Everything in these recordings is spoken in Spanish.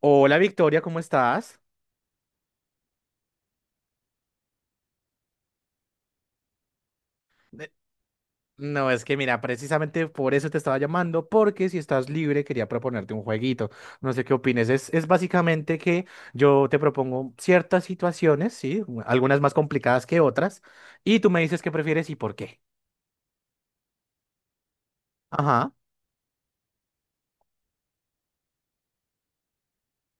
Hola Victoria, ¿cómo estás? Eh, No, es que mira, precisamente por eso te estaba llamando, porque si estás libre quería proponerte un jueguito. No sé qué opines. Es básicamente que yo te propongo ciertas situaciones, sí, algunas más complicadas que otras, y tú me dices qué prefieres y por qué. Ajá.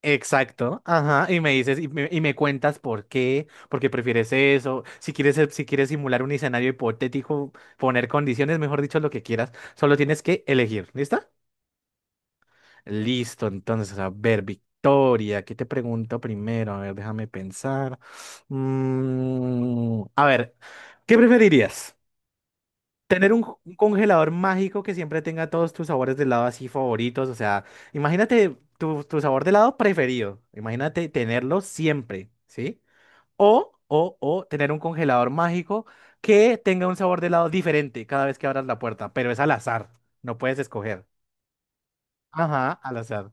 Exacto, ajá, y me dices y me cuentas por qué prefieres eso, si quieres si quieres simular un escenario hipotético, poner condiciones, mejor dicho, lo que quieras, solo tienes que elegir, ¿listo? Listo, entonces, a ver, Victoria, ¿qué te pregunto primero? A ver, déjame pensar. A ver, ¿qué preferirías? ¿Tener un congelador mágico que siempre tenga todos tus sabores de helado así favoritos? O sea, imagínate tu sabor de helado preferido. Imagínate tenerlo siempre, ¿sí? O tener un congelador mágico que tenga un sabor de helado diferente cada vez que abras la puerta, pero es al azar, no puedes escoger. Ajá, al azar.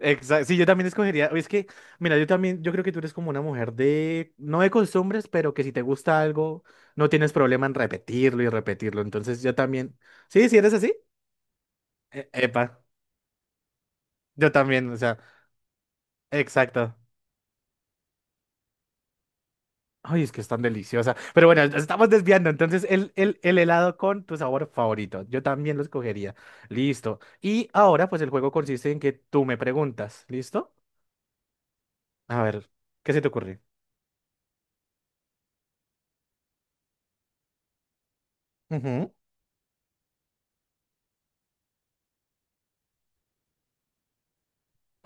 Exacto. Sí, yo también escogería. Es que, mira, yo también, yo creo que tú eres como una mujer de, no de costumbres, pero que si te gusta algo, no tienes problema en repetirlo y repetirlo. Entonces, yo también. Sí, sí eres así. Epa, yo también, o sea, exacto. Ay, es que es tan deliciosa. Pero bueno, nos estamos desviando. Entonces, el helado con tu sabor favorito. Yo también lo escogería. Listo. Y ahora, pues el juego consiste en que tú me preguntas. ¿Listo? A ver, ¿qué se te ocurre?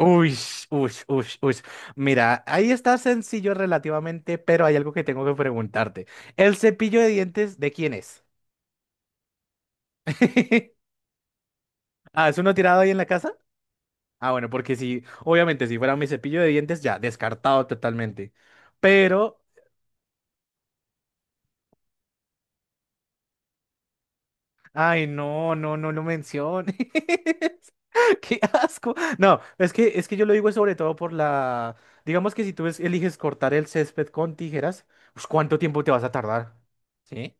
Uy, uy, uy, uy. Mira, ahí está sencillo relativamente, pero hay algo que tengo que preguntarte. ¿El cepillo de dientes de quién es? Ah, ¿es uno tirado ahí en la casa? Ah, bueno, porque si, obviamente, si fuera mi cepillo de dientes, ya, descartado totalmente. Pero, ay, no, no, no lo menciones. Qué asco. No, es que yo lo digo sobre todo por la. Digamos que si tú eliges cortar el césped con tijeras, pues ¿cuánto tiempo te vas a tardar? ¿Sí?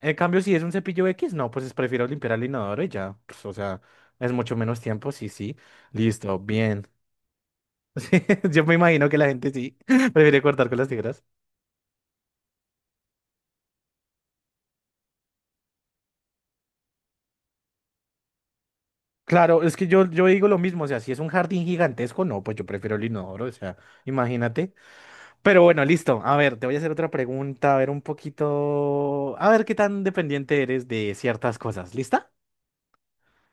En cambio, si es un cepillo X, no, pues es prefiero limpiar el inodoro y ya. Pues, o sea, es mucho menos tiempo, sí, sí. Listo, bien. Sí, yo me imagino que la gente sí prefiere cortar con las tijeras. Claro, es que yo digo lo mismo, o sea, si es un jardín gigantesco, no, pues yo prefiero el inodoro, o sea, imagínate. Pero bueno, listo. A ver, te voy a hacer otra pregunta, a ver un poquito, a ver qué tan dependiente eres de ciertas cosas. ¿Lista?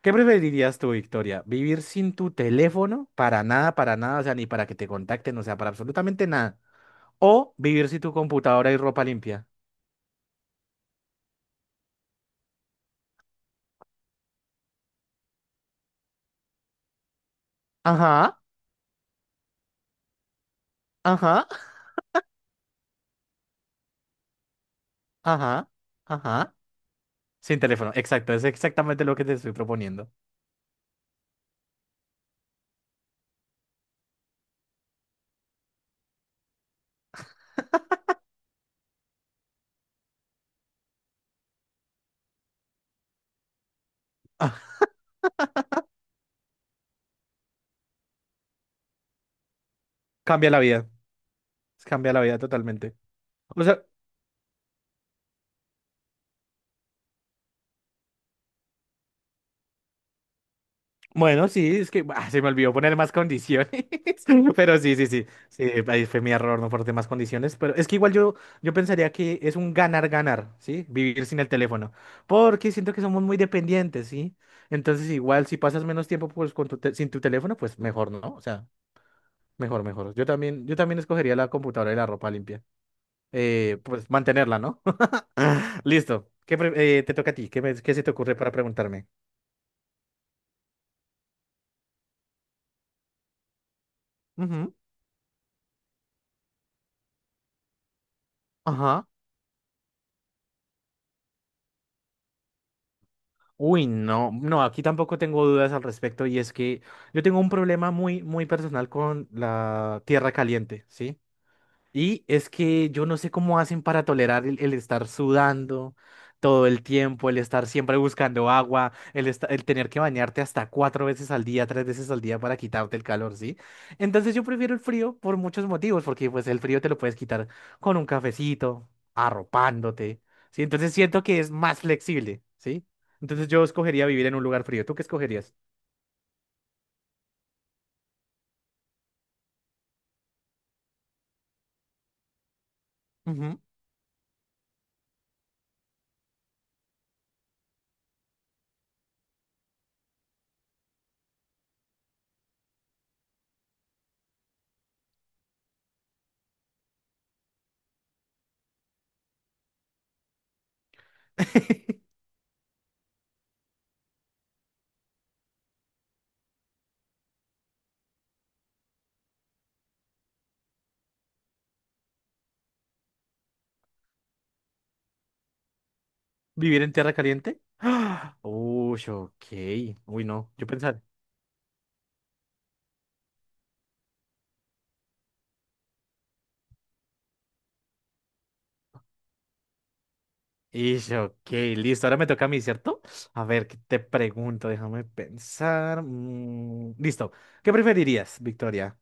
¿Qué preferirías tú, Victoria? ¿Vivir sin tu teléfono? Para nada, o sea, ni para que te contacten, o sea, para absolutamente nada. ¿O vivir sin tu computadora y ropa limpia? Ajá, ajá, ajá, ajá. Sin teléfono, exacto, es exactamente lo que te estoy proponiendo. Cambia la vida, cambia la vida totalmente. O sea, bueno, sí, es que se me olvidó poner más condiciones, pero sí, sí, sí, sí, ahí fue mi error, no aporté más condiciones, pero es que igual yo pensaría que es un ganar-ganar, ¿sí? Vivir sin el teléfono, porque siento que somos muy dependientes, ¿sí? Entonces igual si pasas menos tiempo pues con sin tu teléfono, pues mejor, ¿no? O sea, mejor, mejor. Yo también escogería la computadora y la ropa limpia, pues mantenerla, ¿no? Listo, ¿te toca a ti? ¿Qué se te ocurre para preguntarme? Ujú. Ajá. Uy, no, no, aquí tampoco tengo dudas al respecto y es que yo tengo un problema muy, muy personal con la tierra caliente, ¿sí? Y es que yo no sé cómo hacen para tolerar el estar sudando todo el tiempo, el estar siempre buscando agua, el tener que bañarte hasta 4 veces al día, 3 veces al día para quitarte el calor, ¿sí? Entonces yo prefiero el frío por muchos motivos, porque pues el frío te lo puedes quitar con un cafecito, arropándote, ¿sí? Entonces siento que es más flexible, ¿sí? Entonces yo escogería vivir en un lugar frío. ¿Tú qué escogerías? Ujú. ¿Vivir en tierra caliente? Uy, ok. Uy, no. Yo pensaba. Ish, ok, listo. Ahora me toca a mí, ¿cierto? A ver, ¿qué te pregunto? Déjame pensar. Listo. ¿Qué preferirías, Victoria?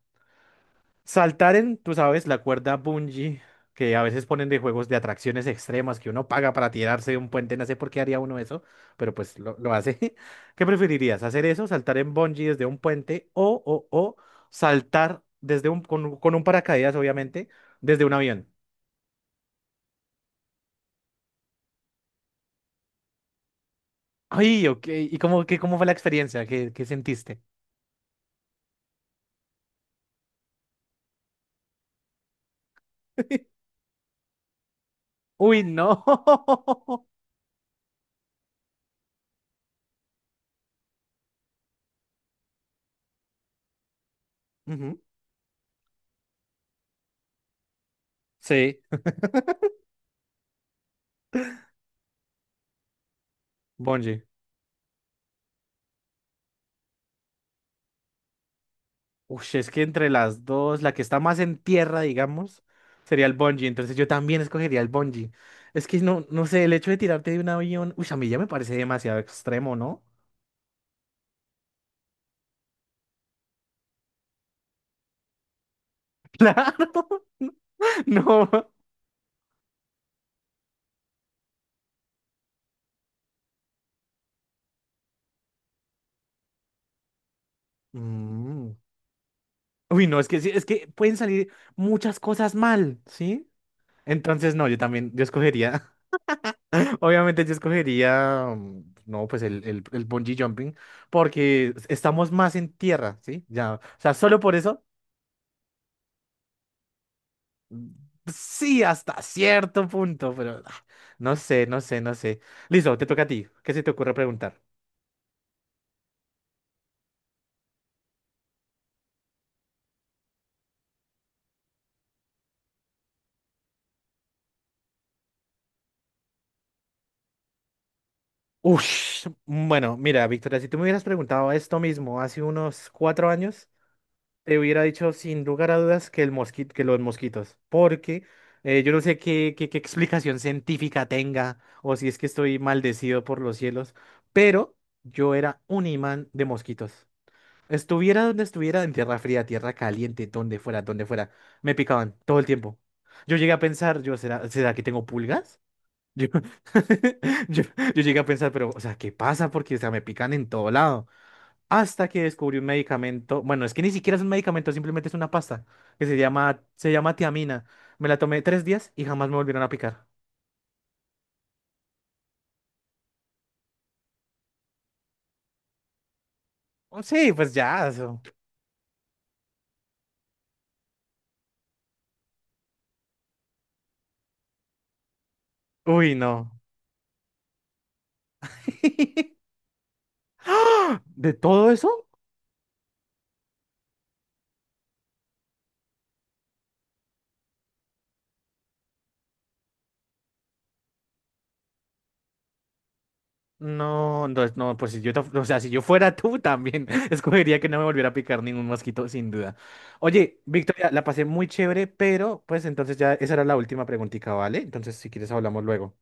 Tú sabes, la cuerda bungee que a veces ponen de juegos de atracciones extremas que uno paga para tirarse de un puente. No sé por qué haría uno eso, pero pues lo hace. ¿Qué preferirías? ¿Hacer eso? ¿Saltar en bungee desde un puente? O saltar desde con un paracaídas, obviamente, desde un avión? Ay, ok. ¿Y cómo, qué, cómo fue la experiencia? ¿Qué, qué sentiste? Uy, no. Ujú. Sí, bungee. Uy, es que entre las dos, la que está más en tierra, digamos, sería el bungee. Entonces yo también escogería el bungee. Es que no, no sé, el hecho de tirarte de un avión, uy, a mí ya me parece demasiado extremo, ¿no? Claro. No. Mm. Uy, no, es que sí, es que pueden salir muchas cosas mal, ¿sí? Entonces, no, yo también, yo escogería. Obviamente yo escogería, no, pues el bungee jumping, porque estamos más en tierra, ¿sí? Ya, o sea, solo por eso, mm, sí, hasta cierto punto, pero no sé, no sé, no sé. Listo, te toca a ti. ¿Qué se te ocurre preguntar? Ush, bueno, mira, Victoria, si tú me hubieras preguntado esto mismo hace unos 4 años, te hubiera dicho sin lugar a dudas que, el mosquito, que los mosquitos, porque yo no sé qué, qué, qué explicación científica tenga o si es que estoy maldecido por los cielos, pero yo era un imán de mosquitos. Estuviera donde estuviera, en tierra fría, tierra caliente, donde fuera, me picaban todo el tiempo. Yo llegué a pensar, yo, ¿será, será que tengo pulgas? Yo, yo, yo llegué a pensar, pero, o sea, ¿qué pasa? Porque, o sea, me pican en todo lado hasta que descubrió un medicamento, bueno, es que ni siquiera es un medicamento, simplemente es una pasta, que se llama tiamina. Me la tomé 3 días y jamás me volvieron a picar. Sí, pues ya, eso. Uy, no. ¡Ah! ¿De todo eso? No, no, no, pues si yo, o sea, si yo fuera tú también, escogería que no me volviera a picar ningún mosquito, sin duda. Oye, Victoria, la pasé muy chévere, pero pues entonces ya esa era la última preguntita, ¿vale? Entonces, si quieres, hablamos luego.